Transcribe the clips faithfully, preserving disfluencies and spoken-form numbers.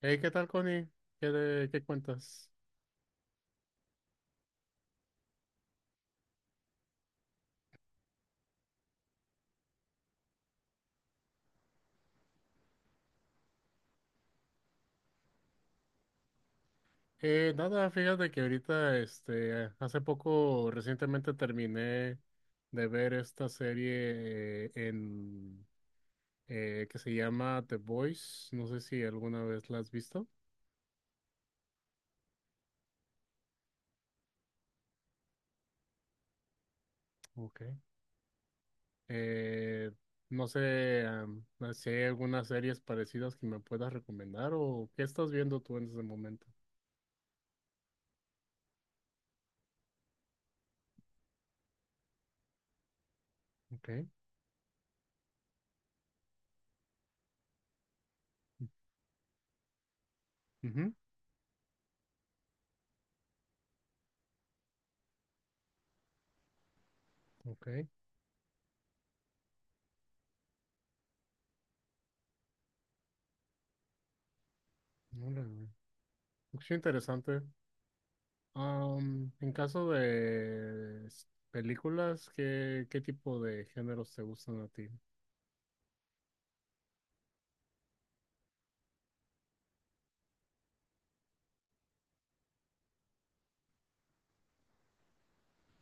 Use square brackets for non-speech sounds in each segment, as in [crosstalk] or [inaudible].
Hey, ¿qué tal, Connie? ¿Qué, de- qué cuentas? Eh, nada, fíjate que ahorita, este, hace poco, recientemente terminé de ver esta serie eh, en eh, que se llama The Boys. No sé si alguna vez la has visto. Okay. Eh, no sé am, si hay algunas series parecidas que me puedas recomendar o qué estás viendo tú en ese momento. Okay. Ujú. Okay. Órale. Es interesante. Am, en caso de s- películas, ¿qué, qué tipo de géneros te gustan a ti?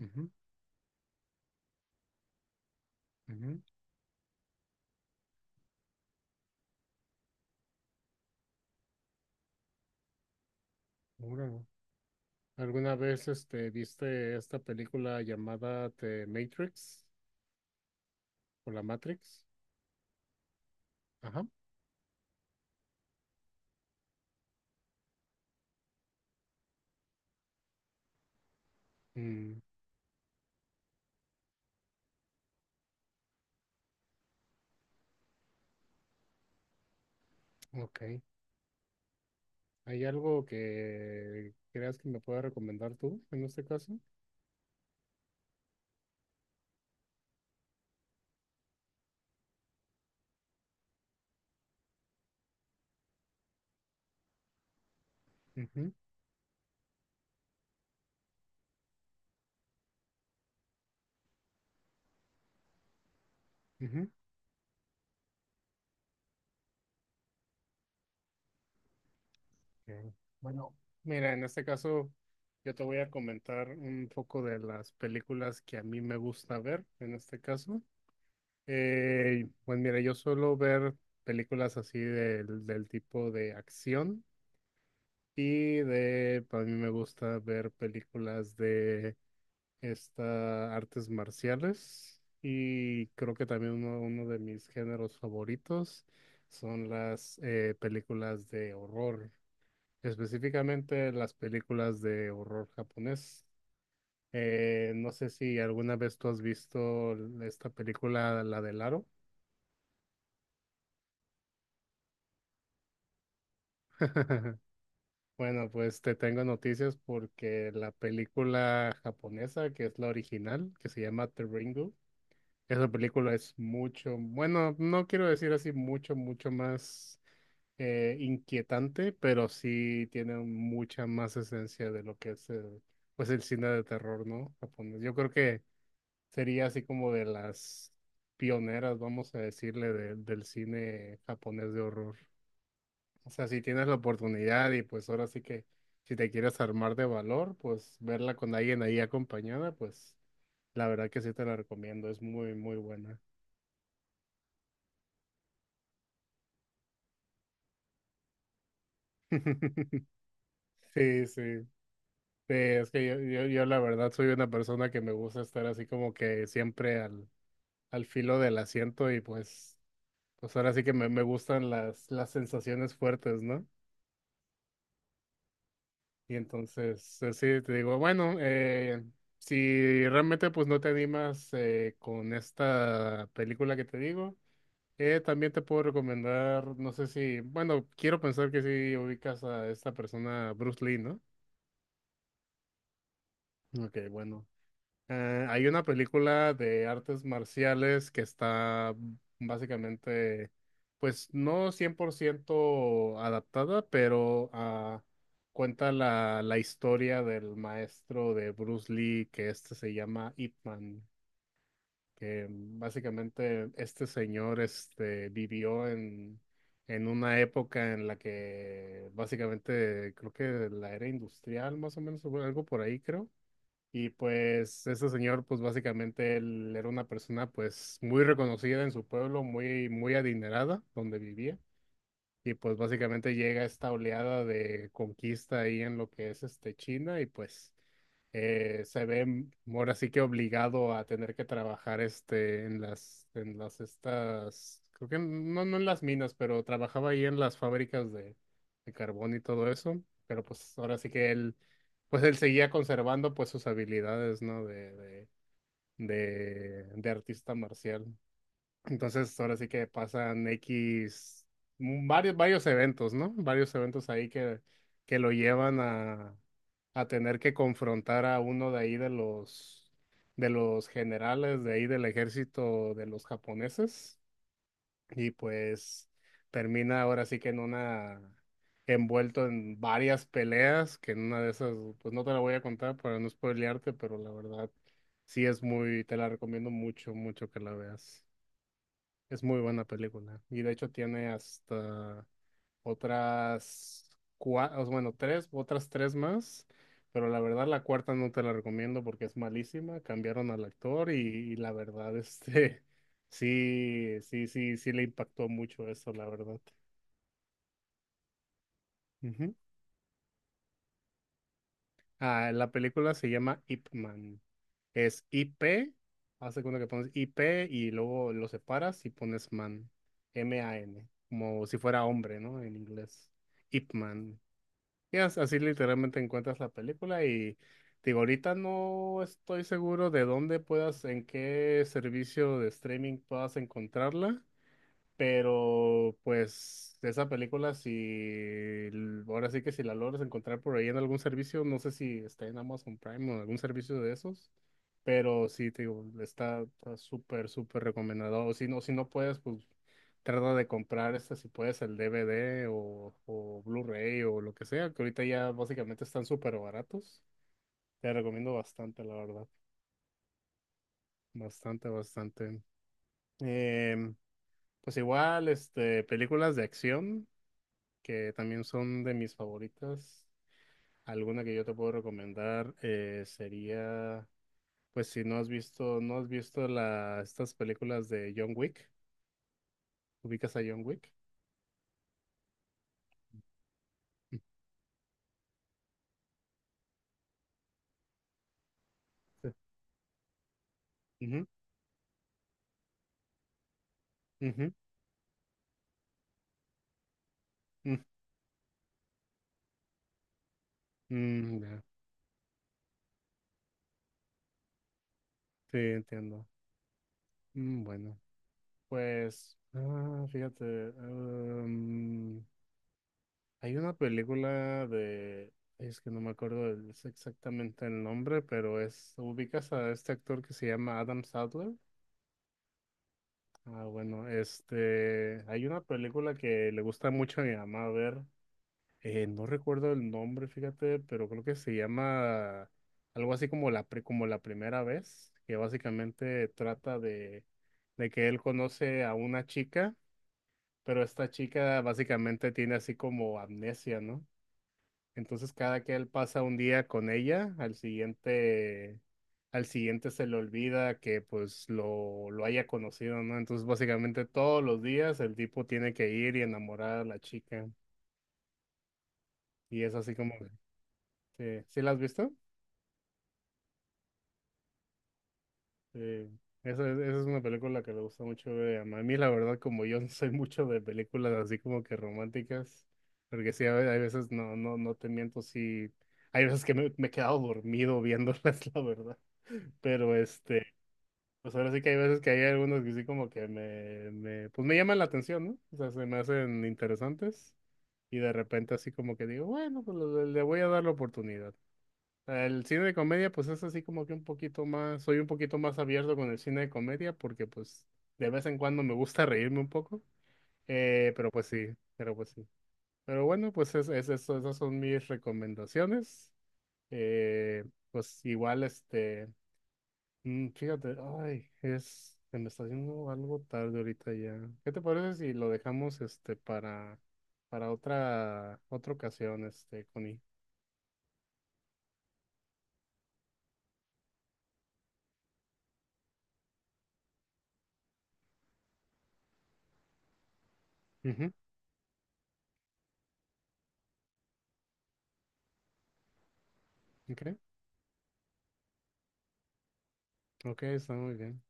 Ujú, ujú, ahora, ¿alguna vez este, viste esta película llamada The Matrix o La Matrix? Ajá. Mm, ok. ¿Hay algo que creas que me pueda recomendar tú en este caso? Ujú, ujú. Ok. Bueno, mira, en este caso yo te voy a comentar un poco de las películas que a mí me gusta ver, en este caso. Eh, pues mira, yo suelo ver películas así del, del tipo de acción y de, para mí me gusta ver películas de esta, artes marciales y creo que también uno, uno de mis géneros favoritos son las eh, películas de horror, específicamente las películas de horror japonés. Eh, no sé si alguna vez tú has visto esta película, la del Aro. [laughs] Bueno, pues te tengo noticias porque la película japonesa, que es la original, que se llama The Ringu, esa película es mucho, bueno, no quiero decir así mucho, mucho más eh, inquietante, pero sí tiene mucha más esencia de lo que es el, pues el cine de terror, ¿no? Japonés. Yo creo que sería así como de las pioneras, vamos a decirle, de- del cine japonés de horror. O sea, si tienes la oportunidad y pues ahora sí que si te quieres armar de valor, pues verla con alguien ahí acompañada, pues la verdad que sí te la recomiendo, es muy, muy buena. [laughs] Sí, sí. Sí, es que yo, yo, yo la verdad soy una persona que me gusta estar así como que siempre al, al filo del asiento y pues, pues ahora sí que me, me gustan las, las sensaciones fuertes, ¿no? Y entonces, así te digo, bueno, eh, si realmente pues no te animas eh, con esta película que te digo, eh, también te puedo recomendar, no sé si, bueno, quiero pensar que sí ubicas a esta persona, Bruce Lee, ¿no? Ok, bueno, Eh, hay una película de artes marciales que está básicamente, pues no cien por ciento adaptada, pero ah, cuenta la, la historia del maestro de Bruce Lee, que este se llama Ip Man, que básicamente este señor este, vivió en, en una época en la que básicamente creo que la era industrial más o menos, o algo por ahí creo y pues ese señor, pues básicamente él era una persona pues muy reconocida en su pueblo, muy, muy adinerada donde vivía. Y pues básicamente llega esta oleada de conquista ahí en lo que es este China y pues eh, se ve m- ahora sí que obligado a tener que trabajar este en las en las estas creo que no no en las minas, pero trabajaba ahí en las fábricas de, de carbón y todo eso, pero pues ahora sí que él pues él seguía conservando pues sus habilidades, ¿no? de de de de artista marcial. Entonces, ahora sí que pasan X, mm, varios, varios eventos, ¿no? Varios eventos ahí que, que lo llevan a, a tener que confrontar a uno de ahí de los, de los generales de ahí del ejército de los japoneses. Y pues termina ahora sí que en una, envuelto en varias peleas, que en una de esas, pues no te la voy a contar para no spoilearte, pero la verdad, sí es muy, te la recomiendo mucho, mucho que la veas. Es muy buena película. Y de hecho tiene hasta otras cuatro, bueno, tres, otras tres más. Pero la verdad la cuarta no te la recomiendo porque es malísima. Cambiaron al actor y, y la verdad, este, [laughs] sí, sí, sí, sí le impactó mucho eso, la verdad. Ujú. Ah, la película se llama Ip Man. Es I P, hace cuenta que pones I P y luego lo separas y pones man, M-A-N, como si fuera hombre, ¿no? En inglés. Ip Man. Y as- así literalmente encuentras la película y digo, ahorita no estoy seguro de dónde puedas, en qué servicio de streaming puedas encontrarla. Pero pues esa película, si l- ahora sí que si la logras encontrar por ahí en algún servicio, no sé si está en Amazon Prime o en algún servicio de esos, pero sí, te digo, está está súper, súper recomendado. O si no, si no puedes, pues trata de comprar este, si puedes, el D V D o, o Blu-ray o lo que sea, que ahorita ya básicamente están súper baratos. Te recomiendo bastante, la verdad. Bastante, bastante. Em, pues igual, este, películas de acción. Que también son de mis favoritas. Alguna que yo te puedo recomendar eh, sería, pues si no has visto, no has visto la, estas películas de John Wick, ¿ubicas a John Wick? Sí. Ujú, ujú, mm, mm, ya. Sí, entiendo. Mm. Bueno, pues, ah, fíjate, em, hay una película de, es que no me acuerdo del- es exactamente el nombre, pero es, ubicas a este actor que se llama Adam Sadler. Ah, bueno, este, hay una película que le gusta mucho a mi mamá ver, eh, no recuerdo el nombre, fíjate, pero creo que se llama algo así como la, pri- como la primera vez, que básicamente trata de, de que él conoce a una chica, pero esta chica básicamente tiene así como amnesia, ¿no? Entonces cada que él pasa un día con ella, al siguiente, al siguiente se le olvida que pues lo, lo haya conocido, ¿no? Entonces básicamente todos los días el tipo tiene que ir y enamorar a la chica. Y es así como, que- ¿sí, sí la has visto? Sí. Esa, es- esa es una película que le gusta mucho ver a mí, la verdad, como yo [laughs] no soy mucho de películas así como que románticas, porque sí, a ve- hay veces, no, no, no te miento, sí, hay veces que me, me he quedado dormido viéndolas, [laughs] la verdad. Pero este, pues ahora sí que hay veces que hay algunos que sí como que me, me, pues me llaman la atención, ¿no? O sea, se me hacen interesantes y de repente así como que digo, bueno, pues le, le voy a dar la oportunidad. El cine de comedia, pues es así como que un poquito más, soy un poquito más abierto con el cine de comedia porque pues de vez en cuando me gusta reírme un poco, eh, pero pues sí, pero pues sí. Pero bueno, pues es, es eso, esas son mis recomendaciones. Eh, pues igual este... Mm, fíjate, ay, es, se me está haciendo algo tarde ahorita ya. ¿Qué te parece si lo dejamos este para, para otra, otra ocasión, este, Connie? Ujú. Ok, ok, está muy bien.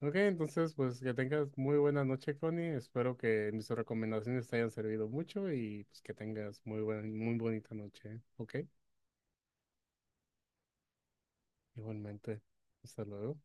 Ok, entonces pues que tengas muy buena noche, Connie. Espero que mis recomendaciones te hayan servido mucho y pues que tengas muy buena, muy bonita noche. ¿Eh? Ok, igualmente. Hasta luego.